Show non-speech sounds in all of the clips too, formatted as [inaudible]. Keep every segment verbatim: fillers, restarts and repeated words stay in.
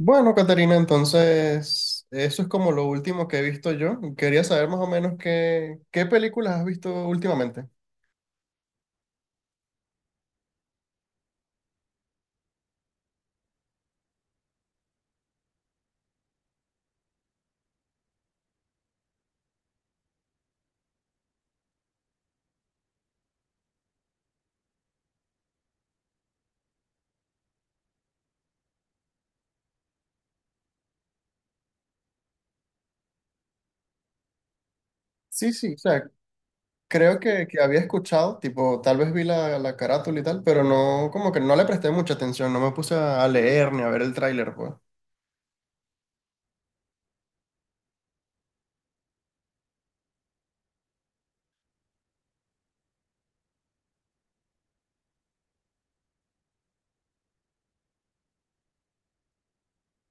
Bueno, Caterina, entonces eso es como lo último que he visto yo. Quería saber más o menos qué, qué películas has visto últimamente. Sí, sí, o sea, creo que, que había escuchado, tipo, tal vez vi la, la carátula y tal, pero no, como que no le presté mucha atención, no me puse a leer ni a ver el tráiler, pues.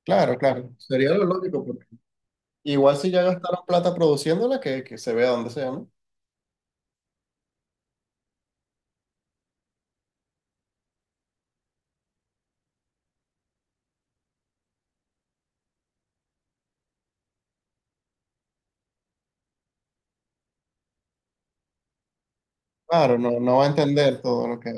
Claro, claro, sería lo lógico, porque igual si ya gastaron plata produciéndola, que, que se vea donde sea, ¿no? Claro, no, no va a entender todo lo que,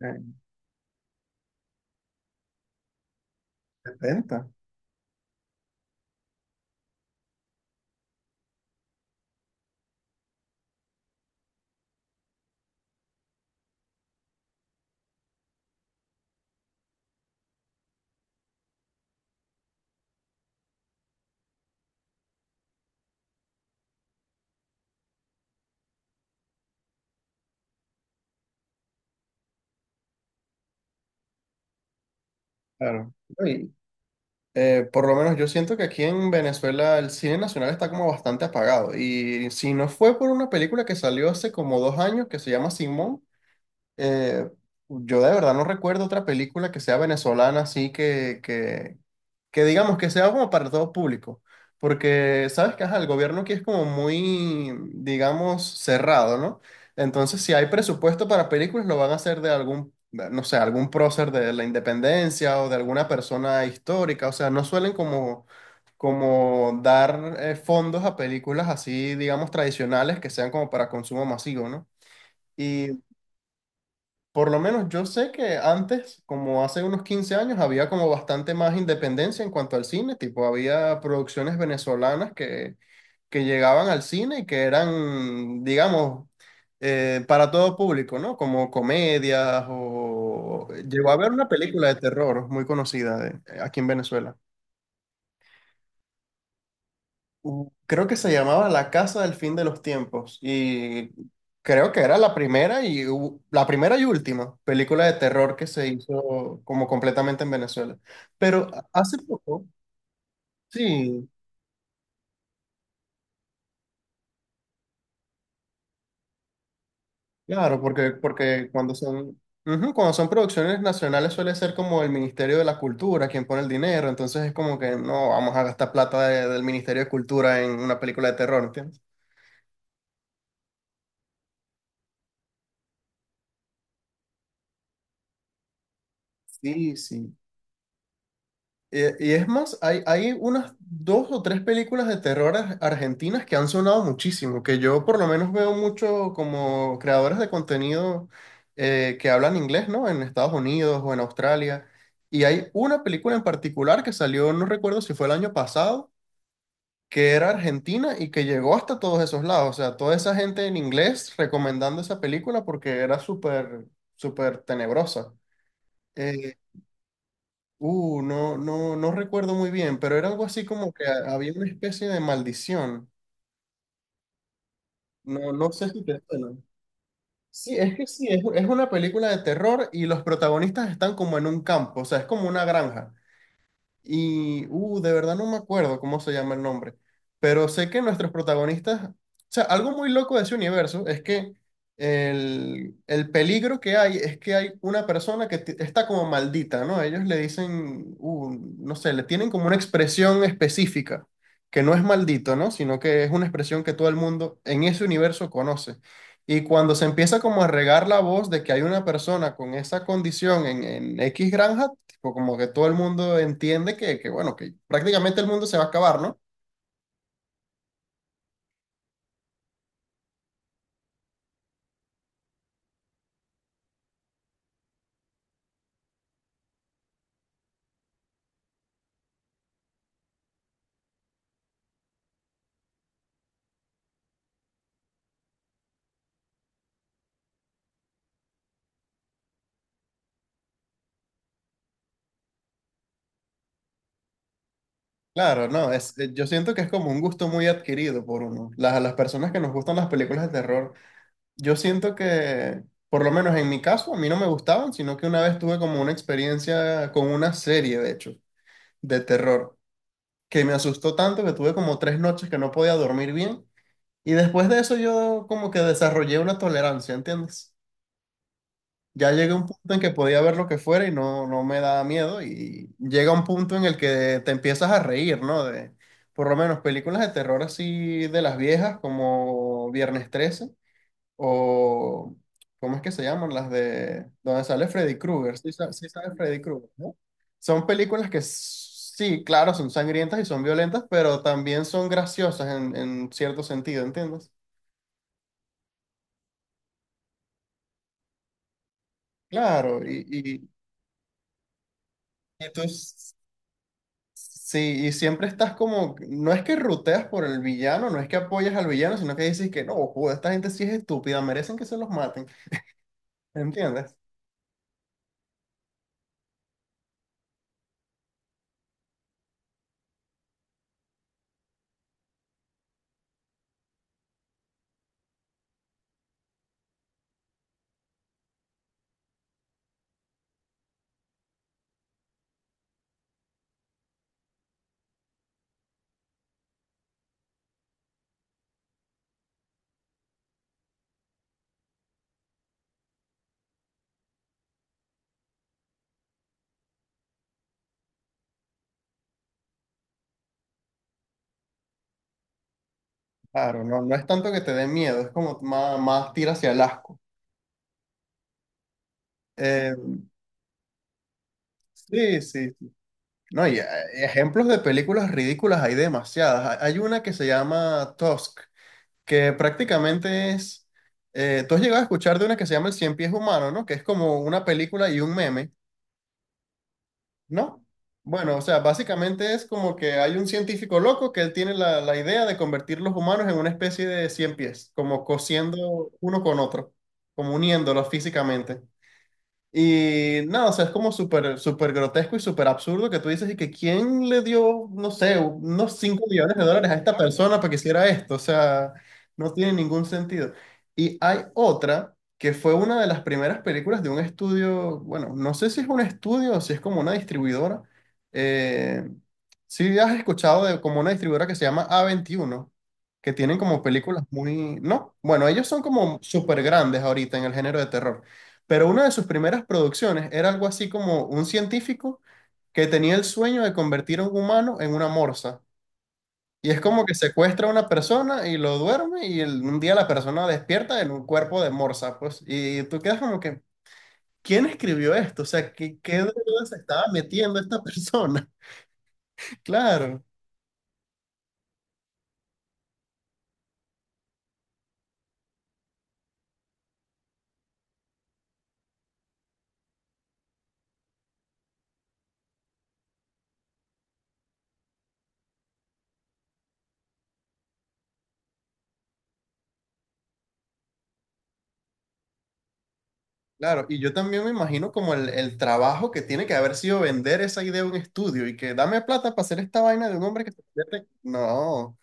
que intenta, claro. Y- Eh, por lo menos yo siento que aquí en Venezuela el cine nacional está como bastante apagado. Y si no fue por una película que salió hace como dos años que se llama Simón, eh, yo de verdad no recuerdo otra película que sea venezolana así que, que, que digamos que sea como para todo público, porque sabes que ajá, el gobierno aquí es como muy, digamos, cerrado, ¿no? Entonces, si hay presupuesto para películas, lo van a hacer de algún, no sé, algún prócer de la independencia o de alguna persona histórica, o sea, no suelen como, como dar eh, fondos a películas así, digamos, tradicionales que sean como para consumo masivo, ¿no? Y por lo menos yo sé que antes, como hace unos quince años, había como bastante más independencia en cuanto al cine, tipo había producciones venezolanas que, que llegaban al cine y que eran, digamos, eh, para todo público, ¿no? Como comedias o... Llegó a haber una película de terror muy conocida de- aquí en Venezuela. Uh, Creo que se llamaba La Casa del Fin de los Tiempos y creo que era la primera y u- la primera y última película de terror que se hizo como completamente en Venezuela. Pero hace poco, sí, claro, porque, porque cuando son, ujú, cuando son producciones nacionales suele ser como el Ministerio de la Cultura quien pone el dinero, entonces es como que no vamos a gastar plata de- del Ministerio de Cultura en una película de terror, ¿entiendes? Sí, sí. Eh, Y, es más, hay, hay unas dos o tres películas de terror ar- argentinas que han sonado muchísimo, que yo por lo menos veo mucho como creadores de contenido eh, que hablan inglés, ¿no? En Estados Unidos o en Australia. Y hay una película en particular que salió, no recuerdo si fue el año pasado, que era argentina y que llegó hasta todos esos lados. O sea, toda esa gente en inglés recomendando esa película porque era súper, súper tenebrosa. Eh, Uh, no, no, no recuerdo muy bien, pero era algo así como que ha- había una especie de maldición. No, no sé si te suena. Sí, es que sí, es, es una película de terror y los protagonistas están como en un campo, o sea, es como una granja. Y, uh, de verdad no me acuerdo cómo se llama el nombre, pero sé que nuestros protagonistas, o sea, algo muy loco de ese universo es que el, el peligro que hay es que hay una persona que ti- está como maldita, ¿no? Ellos le dicen, uh, no sé, le tienen como una expresión específica, que no es maldito, ¿no? Sino que es una expresión que todo el mundo en ese universo conoce. Y cuando se empieza como a regar la voz de que hay una persona con esa condición en, en X granja, pues como que todo el mundo entiende que, que, bueno, que prácticamente el mundo se va a acabar, ¿no? Claro, no, es, eh, yo siento que es como un gusto muy adquirido por uno. Las, las personas que nos gustan las películas de terror, yo siento que, por lo menos en mi caso, a mí no me gustaban, sino que una vez tuve como una experiencia con una serie, de hecho, de terror, que me asustó tanto que tuve como tres noches que no podía dormir bien. Y después de eso yo como que desarrollé una tolerancia, ¿entiendes? Ya llegué a un punto en que podía ver lo que fuera y no, no me daba miedo y llega un punto en el que te empiezas a reír, ¿no? De, por lo menos películas de terror así de las viejas como Viernes trece o ¿cómo es que se llaman? Las de donde sale Freddy Krueger, sí, sa- sí sabe Freddy Krueger, ¿no? Son películas que s- sí, claro, son sangrientas y son violentas, pero también son graciosas en, en cierto sentido, ¿entiendes? Claro, y, y, y tú sí, y siempre estás como, no es que ruteas por el villano, no es que apoyas al villano, sino que dices que no, joder, esta gente sí es estúpida, merecen que se los maten, ¿entiendes? Claro, no, no es tanto que te dé miedo, es como más, más tira hacia el asco. Eh, sí, sí, no, y eh, ejemplos de películas ridículas hay demasiadas. Hay hay una que se llama Tusk, que prácticamente es, eh, tú has llegado a escuchar de una que se llama El Cien Pies Humano, ¿no? Que es como una película y un meme. ¿No? Bueno, o sea, básicamente es como que hay un científico loco que él tiene la, la idea de convertir los humanos en una especie de cien pies, como cosiendo uno con otro, como uniéndolos físicamente. Y nada, o sea, es como súper súper grotesco y súper absurdo que tú dices y que quién le dio, no sé, unos cinco millones de dólares a esta persona para que hiciera esto. O sea, no tiene ningún sentido. Y hay otra que fue una de las primeras películas de un estudio, bueno, no sé si es un estudio o si es como una distribuidora. Eh, sí, has escuchado de como una distribuidora que se llama A veintiuno, que tienen como películas muy, ¿no? Bueno, ellos son como súper grandes ahorita en el género de terror. Pero una de sus primeras producciones era algo así como un científico que tenía el sueño de convertir a un humano en una morsa. Y es como que secuestra a una persona y lo duerme y el- un día la persona despierta en un cuerpo de morsa, pues. Y tú quedas como que, ¿quién escribió esto? O sea, ¿qué, qué droga se estaba metiendo esta persona? [laughs] Claro, claro. Y yo también me imagino como el, el trabajo que tiene que haber sido vender esa idea a un estudio y que dame plata para hacer esta vaina de un hombre que se convierte. No.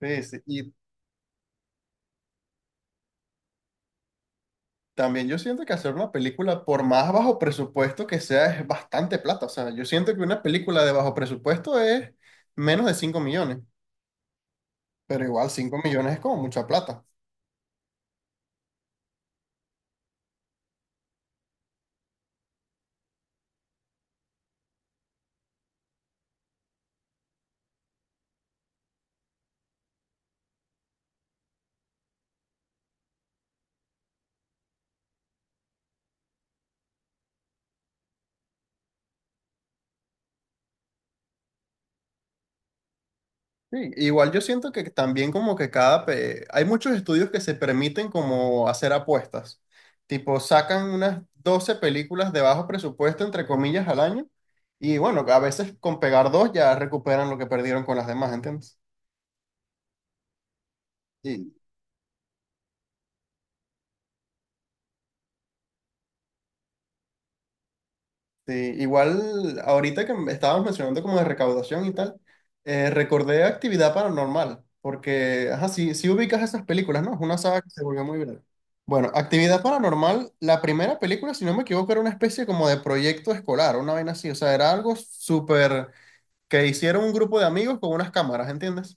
Sí, sí. Y también yo siento que hacer una película, por más bajo presupuesto que sea, es bastante plata. O sea, yo siento que una película de bajo presupuesto es menos de cinco millones, pero igual cinco millones es como mucha plata. Sí, igual yo siento que también como que cada... pe- hay muchos estudios que se permiten como hacer apuestas. Tipo, sacan unas doce películas de bajo presupuesto, entre comillas, al año. Y bueno, a veces con pegar dos ya recuperan lo que perdieron con las demás, ¿entiendes? Sí, igual ahorita que estábamos mencionando como de recaudación y tal, eh, recordé Actividad Paranormal, porque, ajá, sí, sí ubicas esas películas, ¿no? Es una saga que se volvió muy viral. Bueno, Actividad Paranormal, la primera película, si no me equivoco, era una especie como de proyecto escolar, una vaina así, o sea, era algo súper que hicieron un grupo de amigos con unas cámaras, ¿entiendes?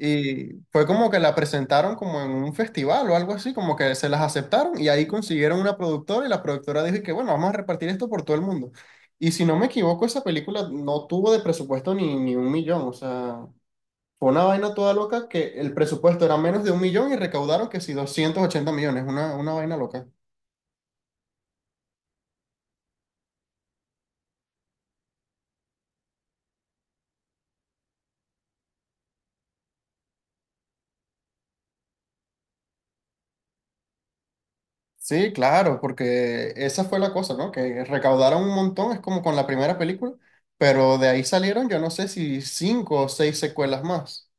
Y fue como que la presentaron como en un festival o algo así, como que se las aceptaron y ahí consiguieron una productora y la productora dijo y que bueno, vamos a repartir esto por todo el mundo. Y si no me equivoco, esa película no tuvo de presupuesto ni, ni un millón, o sea, fue una vaina toda loca que el presupuesto era menos de un millón y recaudaron que si doscientos ochenta millones, una, una vaina loca. Sí, claro, porque esa fue la cosa, ¿no? Que recaudaron un montón, es como con la primera película, pero de ahí salieron yo no sé si cinco o seis secuelas más.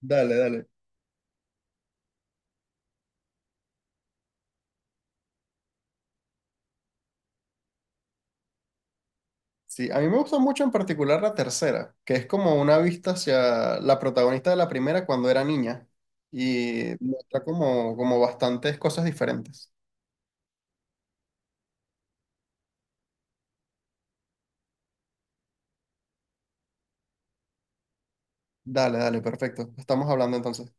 Dale, dale. Sí, a mí me gusta mucho en particular la tercera, que es como una vista hacia la protagonista de la primera cuando era niña y muestra como, como bastantes cosas diferentes. Dale, dale, perfecto. Estamos hablando entonces.